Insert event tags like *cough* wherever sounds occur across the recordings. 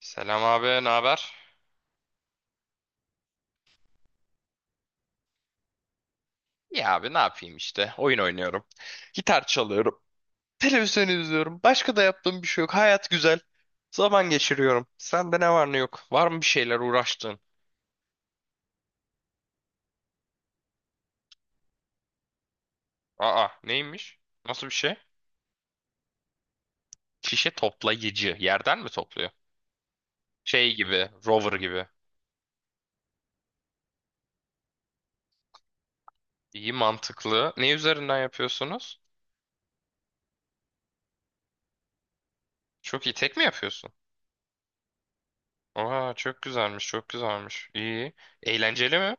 Selam abi, ne haber? Ya abi ne yapayım işte. Oyun oynuyorum. Gitar çalıyorum. Televizyon izliyorum. Başka da yaptığım bir şey yok. Hayat güzel. Zaman geçiriyorum. Sende ne var ne yok? Var mı bir şeyler uğraştığın? Aa, neymiş? Nasıl bir şey? Şişe toplayıcı. Yerden mi topluyor? Şey gibi, rover gibi. İyi mantıklı. Ne üzerinden yapıyorsunuz? Çok iyi. Tek mi yapıyorsun? Aa, çok güzelmiş, çok güzelmiş. İyi. Eğlenceli mi?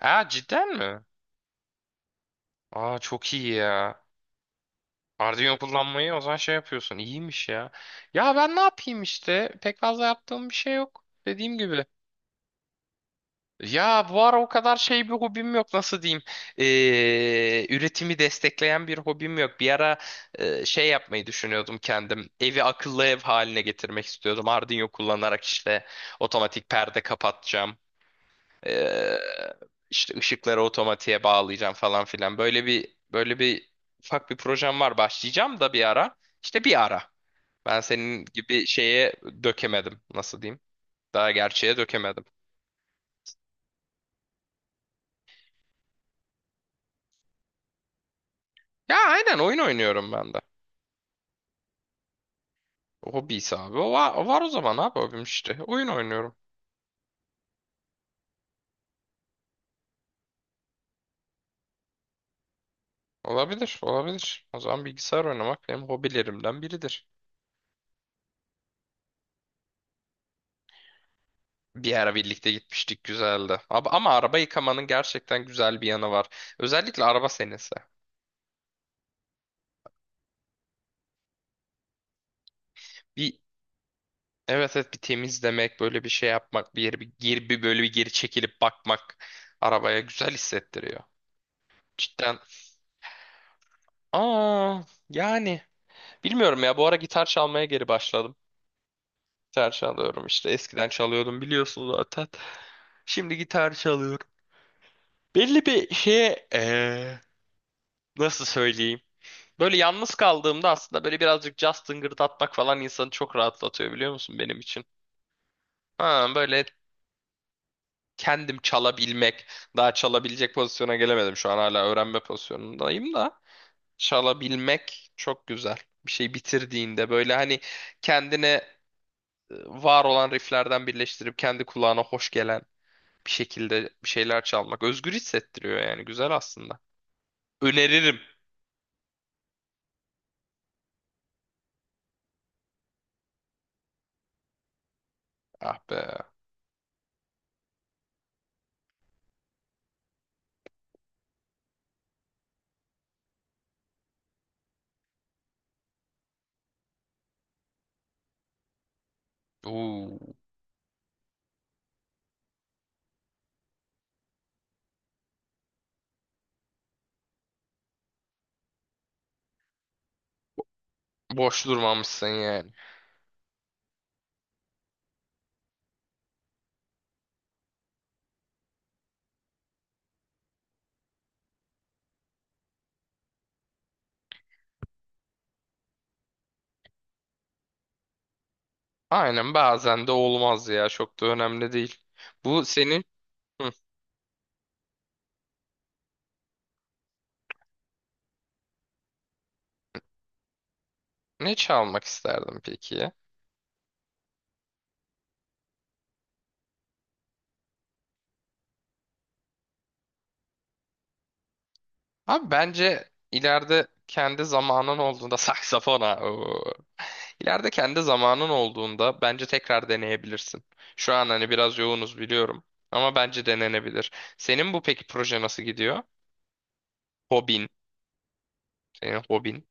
Aa, cidden mi? Aa, çok iyi ya. Arduino kullanmayı o zaman şey yapıyorsun. İyiymiş ya. Ya ben ne yapayım işte? Pek fazla yaptığım bir şey yok. Dediğim gibi. Ya bu ara o kadar şey bir hobim yok. Nasıl diyeyim? Üretimi destekleyen bir hobim yok. Bir ara şey yapmayı düşünüyordum kendim. Evi akıllı ev haline getirmek istiyordum. Arduino kullanarak işte otomatik perde kapatacağım. Ee, işte ışıkları otomatiğe bağlayacağım falan filan. Böyle bir ufak bir projem var. Başlayacağım da bir ara. İşte bir ara. Ben senin gibi şeye dökemedim. Nasıl diyeyim? Daha gerçeğe dökemedim. Ya aynen oyun oynuyorum ben de. Hobisi abi. O var o zaman abi hobim işte. Oyun oynuyorum. Olabilir, olabilir. O zaman bilgisayar oynamak benim hobilerimden biridir. Bir ara birlikte gitmiştik güzeldi. Ama araba yıkamanın gerçekten güzel bir yanı var. Özellikle araba senesi. Bir evet, evet, bir temizlemek, böyle bir şey yapmak, bir yeri bir geri bir böyle bir geri çekilip bakmak arabaya güzel hissettiriyor. Cidden. Aa, yani bilmiyorum ya, bu ara gitar çalmaya geri başladım. Gitar çalıyorum, işte eskiden çalıyordum biliyorsun zaten. Şimdi gitar çalıyorum. Belli bir şeye nasıl söyleyeyim? Böyle yalnız kaldığımda aslında böyle birazcık jazz tıngırdatmak falan insanı çok rahatlatıyor, biliyor musun benim için? Ha, böyle kendim çalabilmek, daha çalabilecek pozisyona gelemedim, şu an hala öğrenme pozisyonundayım da çalabilmek çok güzel. Bir şey bitirdiğinde böyle hani kendine var olan rifflerden birleştirip kendi kulağına hoş gelen bir şekilde bir şeyler çalmak özgür hissettiriyor, yani güzel aslında. Öneririm. Ah be. Uuu. Boş durmamışsın yani. Aynen, bazen de olmaz ya, çok da önemli değil. Bu senin Hı, ne çalmak isterdim peki? Ya? Abi bence ileride kendi zamanın olduğunda *laughs* saksafona. Oo. İleride kendi zamanın olduğunda bence tekrar deneyebilirsin. Şu an hani biraz yoğunuz biliyorum ama bence denenebilir. Senin bu peki proje nasıl gidiyor? Hobin, senin hobin.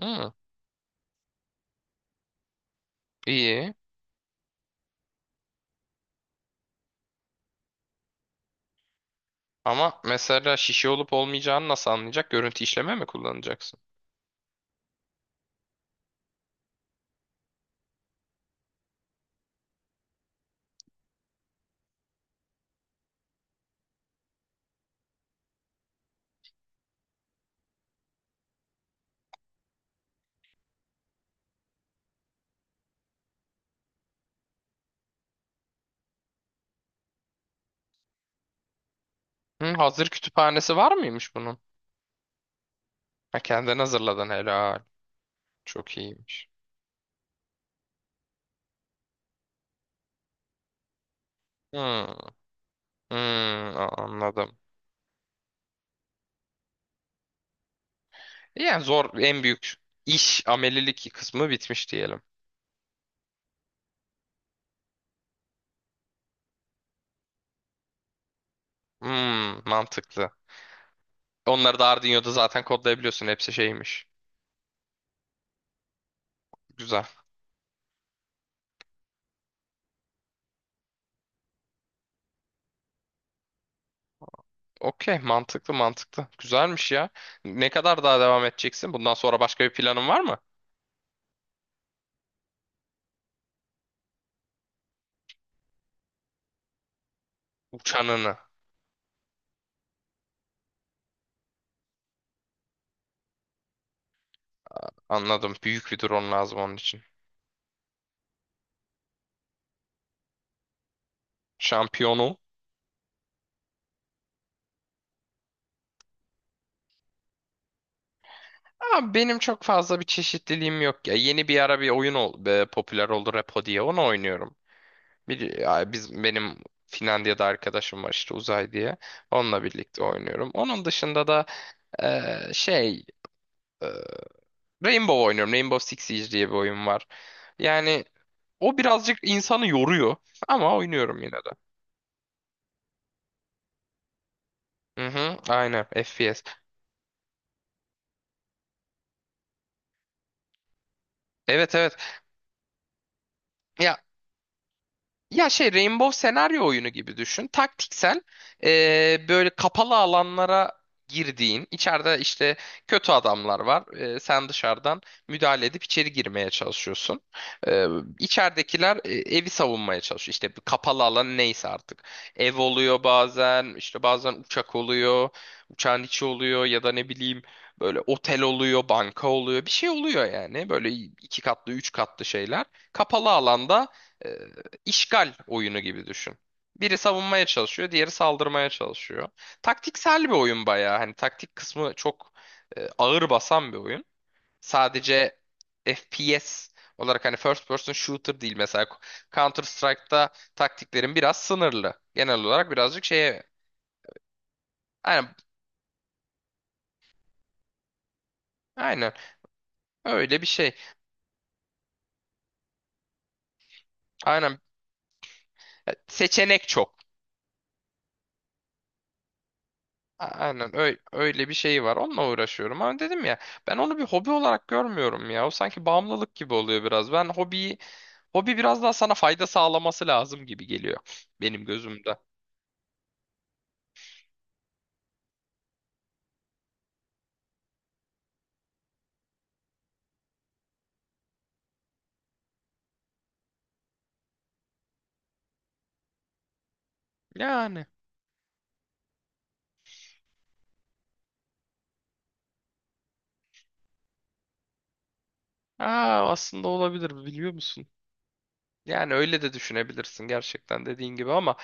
Hmm, iyi. Ama mesela şişe olup olmayacağını nasıl anlayacak? Görüntü işleme mi kullanacaksın? Hı, hazır kütüphanesi var mıymış bunun? Ha, kendin hazırladın, helal. Çok iyiymiş. Hmm, hmm, anladım. Yani zor en büyük iş amelilik kısmı bitmiş diyelim. Hmm, mantıklı. Onları da Arduino'da zaten kodlayabiliyorsun. Hepsi şeymiş. Güzel. Okey, mantıklı mantıklı. Güzelmiş ya. Ne kadar daha devam edeceksin? Bundan sonra başka bir planın var mı? Uçanını. Anladım. Büyük bir drone lazım onun için. Şampiyonu. Aa, benim çok fazla bir çeşitliliğim yok ya. Yeni bir ara bir popüler oldu Repo diye. Onu oynuyorum. Bir, ya biz benim Finlandiya'da arkadaşım var, işte Uzay diye. Onunla birlikte oynuyorum. Onun dışında da e, şey Rainbow oynuyorum. Rainbow Six Siege diye bir oyun var. Yani o birazcık insanı yoruyor ama oynuyorum yine de. Hı hı, aynen FPS. Evet, evet. Ya Rainbow senaryo oyunu gibi düşün. Taktiksel, böyle kapalı alanlara girdiğin, içeride işte kötü adamlar var. Sen dışarıdan müdahale edip içeri girmeye çalışıyorsun. Eee içeridekiler evi savunmaya çalışıyor. İşte bir kapalı alan neyse artık. Ev oluyor bazen, işte bazen uçak oluyor, uçağın içi oluyor, ya da ne bileyim böyle otel oluyor, banka oluyor. Bir şey oluyor yani. Böyle iki katlı, üç katlı şeyler. Kapalı alanda İşgal oyunu gibi düşün. Biri savunmaya çalışıyor, diğeri saldırmaya çalışıyor. Taktiksel bir oyun bayağı. Hani taktik kısmı çok ağır basan bir oyun. Sadece FPS olarak, hani first person shooter değil mesela, Counter Strike'ta taktiklerin biraz sınırlı. Genel olarak birazcık şeye, aynen, aynen öyle bir şey. Aynen seçenek çok. Aynen öyle, öyle bir şey var. Onunla uğraşıyorum. Ama dedim ya, ben onu bir hobi olarak görmüyorum ya. O sanki bağımlılık gibi oluyor biraz. Ben hobiyi, hobi biraz daha sana fayda sağlaması lazım gibi geliyor benim gözümde. Yani aa, aslında olabilir biliyor musun? Yani öyle de düşünebilirsin gerçekten dediğin gibi ama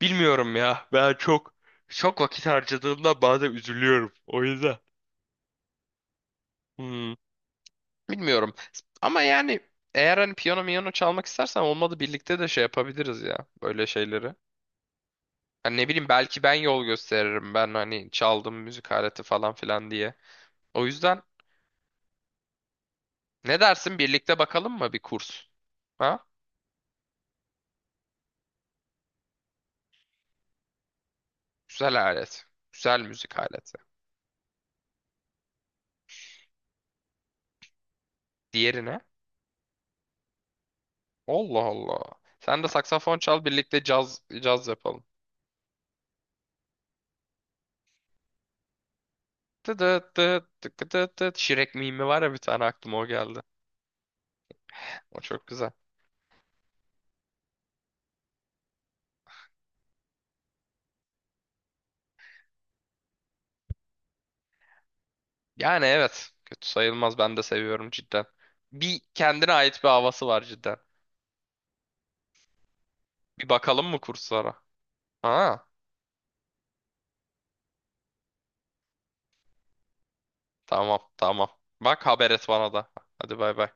bilmiyorum ya. Ben çok vakit harcadığımda bazen üzülüyorum. O yüzden. Hmm. Bilmiyorum. Ama yani eğer hani piyano miyano çalmak istersen, olmadı birlikte de şey yapabiliriz ya böyle şeyleri. Hani ne bileyim, belki ben yol gösteririm, ben hani çaldım müzik aleti falan filan diye. O yüzden ne dersin, birlikte bakalım mı bir kurs? Ha? Güzel alet. Güzel müzik aleti. Diğerine? Allah Allah. Sen de saksafon çal, birlikte caz caz yapalım. Tıt tıt tıt tık tıt tıt. Şirek mimi var ya, bir tane aklıma o geldi. O çok güzel. Yani evet. Kötü sayılmaz. Ben de seviyorum cidden. Bir kendine ait bir havası var cidden. Bir bakalım mı kurslara? Ha, tamam tamam. Bak haber et bana da. Hadi bay bay.